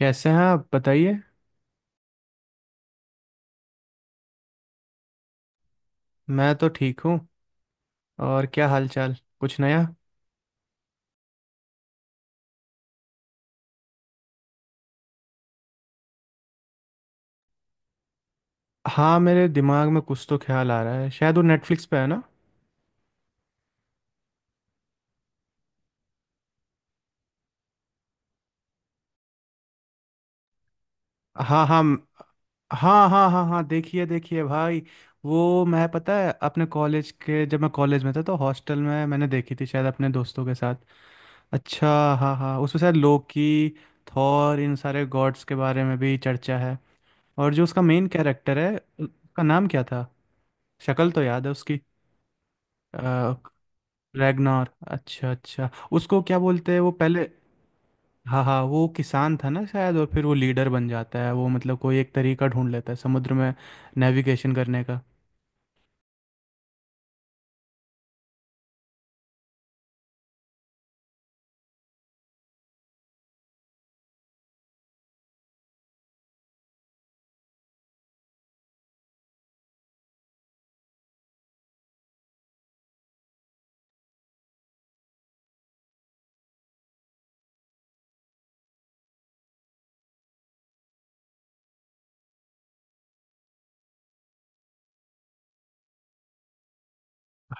कैसे हैं आप बताइए। मैं तो ठीक हूँ। और क्या हाल चाल, कुछ नया? हाँ, मेरे दिमाग में कुछ तो ख्याल आ रहा है, शायद वो नेटफ्लिक्स पे है ना। हाँ हाँ म- हाँ हाँ हाँ हाँ, देखिए देखिए भाई। वो मैं, पता है, अपने कॉलेज के, जब मैं कॉलेज में था तो हॉस्टल में मैंने देखी थी शायद अपने दोस्तों के साथ। अच्छा। हाँ हाँ, उसमें शायद लोकी, थॉर, इन सारे गॉड्स के बारे में भी चर्चा है। और जो उसका मेन कैरेक्टर है, उसका नाम क्या था? शक्ल तो याद है उसकी। रैगनार, अच्छा अच्छा। उसको क्या बोलते हैं वो पहले। हाँ हाँ, वो किसान था ना शायद, और फिर वो लीडर बन जाता है। वो मतलब कोई एक तरीका ढूंढ लेता है समुद्र में नेविगेशन करने का।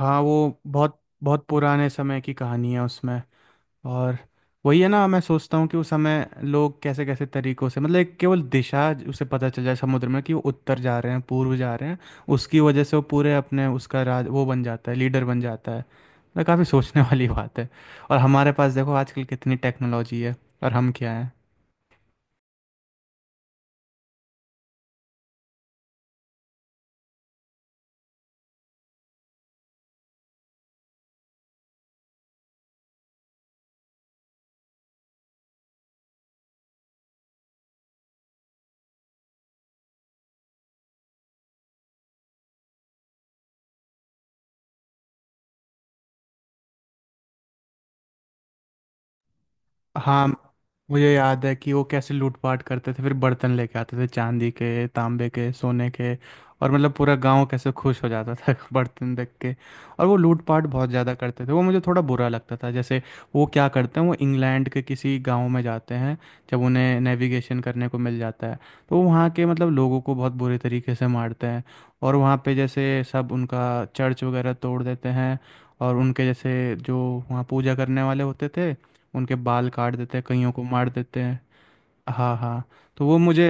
हाँ, वो बहुत बहुत पुराने समय की कहानी है उसमें। और वही है ना, मैं सोचता हूँ कि उस समय लोग कैसे कैसे तरीकों से, मतलब एक केवल दिशा उसे पता चल जाए समुद्र में कि वो उत्तर जा रहे हैं, पूर्व जा रहे हैं। उसकी वजह से वो पूरे अपने उसका राज, वो बन जाता है, लीडर बन जाता है। मतलब काफ़ी सोचने वाली बात है। और हमारे पास देखो आजकल कितनी टेक्नोलॉजी है, और हम क्या हैं। हाँ, मुझे याद है कि वो कैसे लूटपाट करते थे, फिर बर्तन लेके आते थे, चांदी के, तांबे के, सोने के। और मतलब पूरा गांव कैसे खुश हो जाता था बर्तन देख के। और वो लूटपाट बहुत ज़्यादा करते थे, वो मुझे थोड़ा बुरा लगता था। जैसे वो क्या करते हैं, वो इंग्लैंड के किसी गांव में जाते हैं, जब उन्हें नेविगेशन करने को मिल जाता है, तो वो वहाँ के मतलब लोगों को बहुत बुरे तरीके से मारते हैं। और वहाँ पे जैसे सब उनका चर्च वगैरह तोड़ देते हैं। और उनके जैसे जो वहाँ पूजा करने वाले होते थे, उनके बाल काट देते हैं, कईयों को मार देते हैं। हाँ हाँ। तो वो मुझे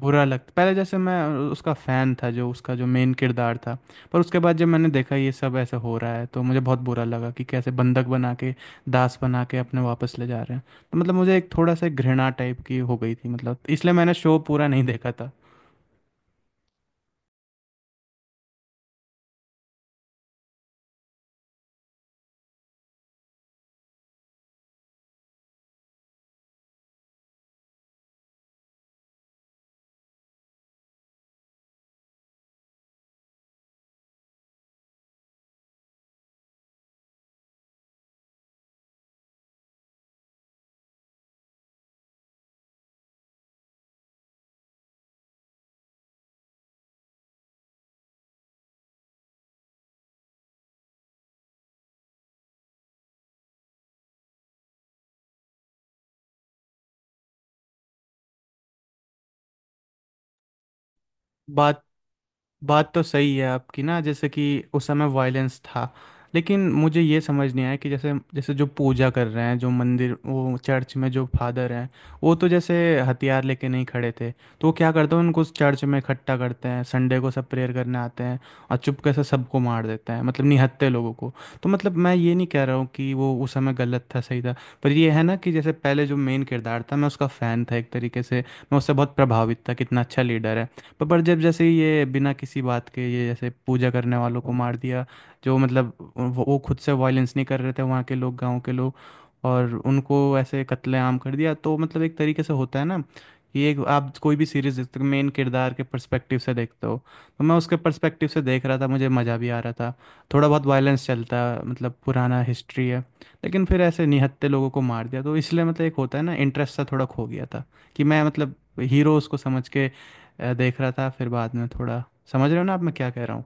बुरा लगता पहले। जैसे मैं उसका फ़ैन था, जो उसका जो मेन किरदार था। पर उसके बाद जब मैंने देखा ये सब ऐसा हो रहा है तो मुझे बहुत बुरा लगा कि कैसे बंधक बना के, दास बना के अपने वापस ले जा रहे हैं। तो मतलब मुझे एक थोड़ा सा घृणा टाइप की हो गई थी, मतलब इसलिए मैंने शो पूरा नहीं देखा था। बात बात तो सही है आपकी ना, जैसे कि उस समय वायलेंस था। लेकिन मुझे ये समझ नहीं आया कि जैसे, जैसे जो पूजा कर रहे हैं, जो मंदिर, वो चर्च में जो फादर हैं, वो तो जैसे हथियार लेके नहीं खड़े थे। तो वो क्या करते हैं, उनको उस चर्च में इकट्ठा करते हैं, संडे को सब प्रेयर करने आते हैं, और चुपके से सबको मार देते हैं, मतलब निहत्थे लोगों को। तो मतलब मैं ये नहीं कह रहा हूँ कि वो उस समय गलत था सही था, पर ये है ना कि जैसे पहले जो मेन किरदार था, मैं उसका फ़ैन था एक तरीके से। मैं उससे बहुत प्रभावित था, कितना अच्छा लीडर है। पर जब जैसे ही ये बिना किसी बात के ये जैसे पूजा करने वालों को मार दिया, जो मतलब वो खुद से वायलेंस नहीं कर रहे थे, वहाँ के लोग, गांव के लोग, और उनको ऐसे कत्लेआम कर दिया। तो मतलब एक तरीके से होता है ना कि एक आप कोई भी सीरीज देखते हो मेन किरदार के पर्सपेक्टिव से देखते हो। तो मैं उसके पर्सपेक्टिव से देख रहा था, मुझे मज़ा भी आ रहा था। थोड़ा बहुत वायलेंस चलता है, मतलब पुराना हिस्ट्री है। लेकिन फिर ऐसे निहत्थे लोगों को मार दिया, तो इसलिए मतलब एक होता है ना, इंटरेस्ट सा थोड़ा खो गया था। कि मैं मतलब हीरोज़ को समझ के देख रहा था, फिर बाद में थोड़ा। समझ रहे हो ना आप मैं क्या कह रहा हूँ?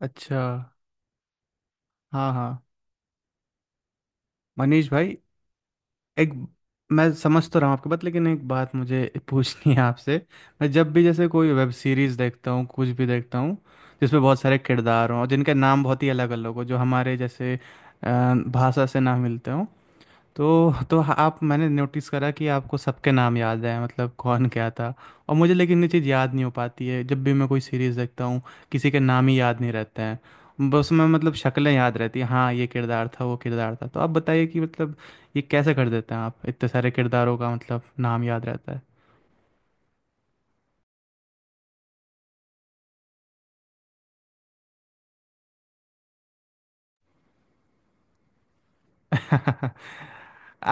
अच्छा। हाँ हाँ। मनीष भाई, एक, मैं समझ तो रहा हूँ आपकी बात, लेकिन एक बात मुझे पूछनी है आपसे। मैं जब भी जैसे कोई वेब सीरीज़ देखता हूँ, कुछ भी देखता हूँ जिसमें बहुत सारे किरदार हों, और जिनके नाम बहुत ही अलग अलग हो, जो हमारे जैसे अ, भाषा से ना मिलते हों, तो आप, मैंने नोटिस करा कि आपको सबके नाम याद है, मतलब कौन क्या था। और मुझे लेकिन ये चीज़ याद नहीं हो पाती है जब भी मैं कोई सीरीज़ देखता हूँ, किसी के नाम ही याद नहीं रहते हैं। बस मैं मतलब शक्लें याद रहती हैं, हाँ ये किरदार था वो किरदार था। तो आप बताइए कि मतलब ये कैसे कर देते हैं आप, इतने सारे किरदारों का मतलब नाम याद रहता है।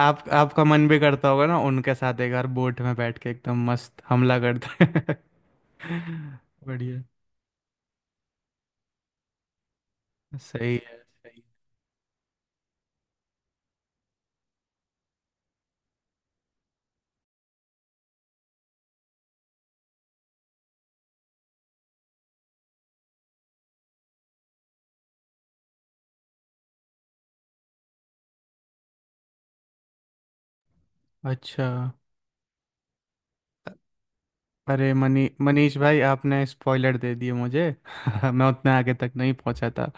आप, आपका मन भी करता होगा ना उनके साथ एक बार बोट में बैठ के एकदम मस्त हमला करते हैं। बढ़िया। सही है। अच्छा। अरे मनीष भाई, आपने स्पॉइलर दे दिए मुझे। मैं उतना आगे तक नहीं पहुंचा था।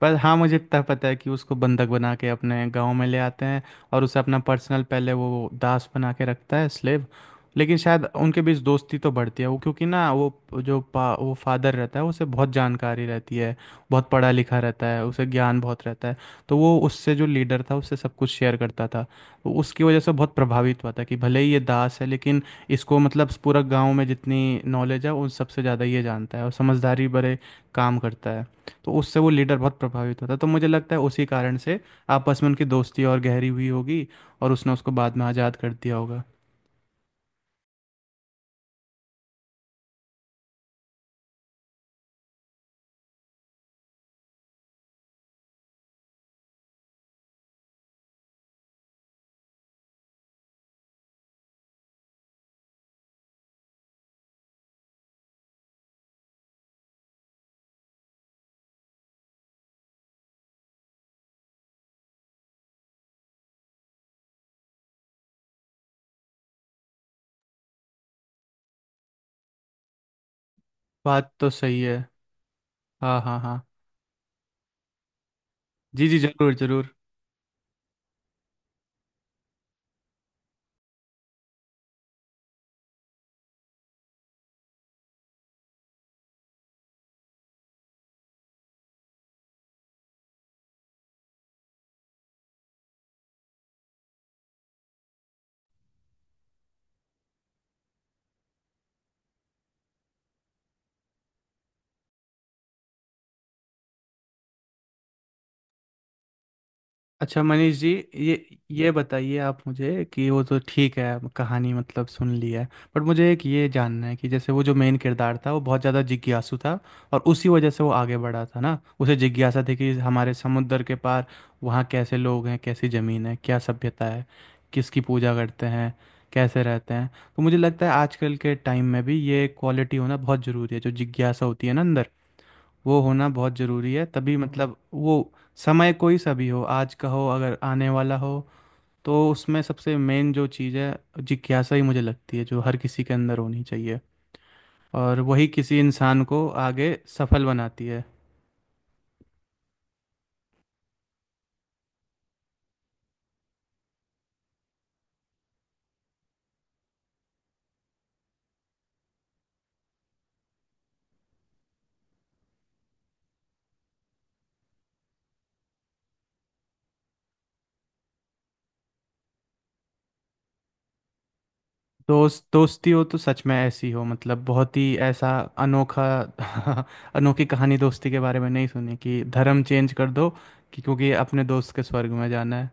पर हाँ, मुझे इतना पता है कि उसको बंधक बना के अपने गांव में ले आते हैं, और उसे अपना पर्सनल पहले वो दास बना के रखता है, स्लेव। लेकिन शायद उनके बीच दोस्ती तो बढ़ती है, वो क्योंकि ना वो वो फादर रहता है, उसे बहुत जानकारी रहती है, बहुत पढ़ा लिखा रहता है, उसे ज्ञान बहुत रहता है। तो वो उससे, जो लीडर था, उससे सब कुछ शेयर करता था। वो उसकी वजह से बहुत प्रभावित हुआ था कि भले ही ये दास है, लेकिन इसको मतलब पूरा गांव में जितनी नॉलेज है उन सबसे ज़्यादा ये जानता है, और समझदारी भरे काम करता है। तो उससे वो लीडर बहुत प्रभावित होता है। तो मुझे लगता है उसी कारण से आपस में उनकी दोस्ती और गहरी हुई होगी, और उसने उसको बाद में आज़ाद कर दिया होगा। बात तो सही है। हाँ हाँ हाँ। जी जी, ज़रूर ज़रूर। अच्छा मनीष जी, ये ये बताइए आप मुझे कि वो तो ठीक है, कहानी मतलब सुन ली है। बट मुझे एक ये जानना है कि जैसे वो जो मेन किरदार था, वो बहुत ज़्यादा जिज्ञासु था, और उसी वजह से वो आगे बढ़ा था ना। उसे जिज्ञासा थी कि हमारे समुद्र के पार वहाँ कैसे लोग हैं, कैसी ज़मीन है, क्या सभ्यता है, किसकी पूजा करते हैं, कैसे रहते हैं। तो मुझे लगता है आजकल के टाइम में भी ये क्वालिटी होना बहुत ज़रूरी है, जो जिज्ञासा होती है ना अंदर, वो होना बहुत ज़रूरी है। तभी मतलब वो, समय कोई सा भी हो, आज का हो, अगर आने वाला हो, तो उसमें सबसे मेन जो चीज़ है, जिज्ञासा ही मुझे लगती है, जो हर किसी के अंदर होनी चाहिए, और वही किसी इंसान को आगे सफल बनाती है। दोस्ती हो तो सच में ऐसी हो, मतलब बहुत ही ऐसा अनोखा। अनोखी कहानी दोस्ती के बारे में नहीं सुनी, कि धर्म चेंज कर दो, कि क्योंकि अपने दोस्त के स्वर्ग में जाना है।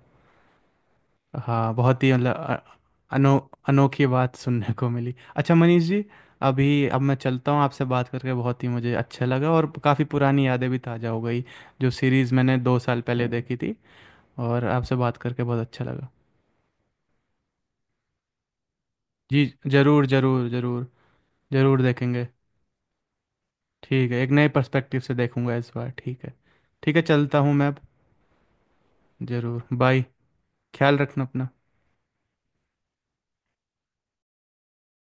हाँ, बहुत ही मतलब अनो अनोखी बात सुनने को मिली। अच्छा मनीष जी, अभी अब मैं चलता हूँ, आपसे बात करके बहुत ही मुझे अच्छा लगा, और काफ़ी पुरानी यादें भी ताज़ा हो गई जो सीरीज़ मैंने 2 साल पहले देखी थी। और आपसे बात करके बहुत अच्छा लगा। जी, ज़रूर। ज़रूर देखेंगे। ठीक है, एक नए पर्सपेक्टिव से देखूंगा इस बार, ठीक है। ठीक है, चलता हूँ मैं अब। ज़रूर, बाय। ख्याल रखना अपना।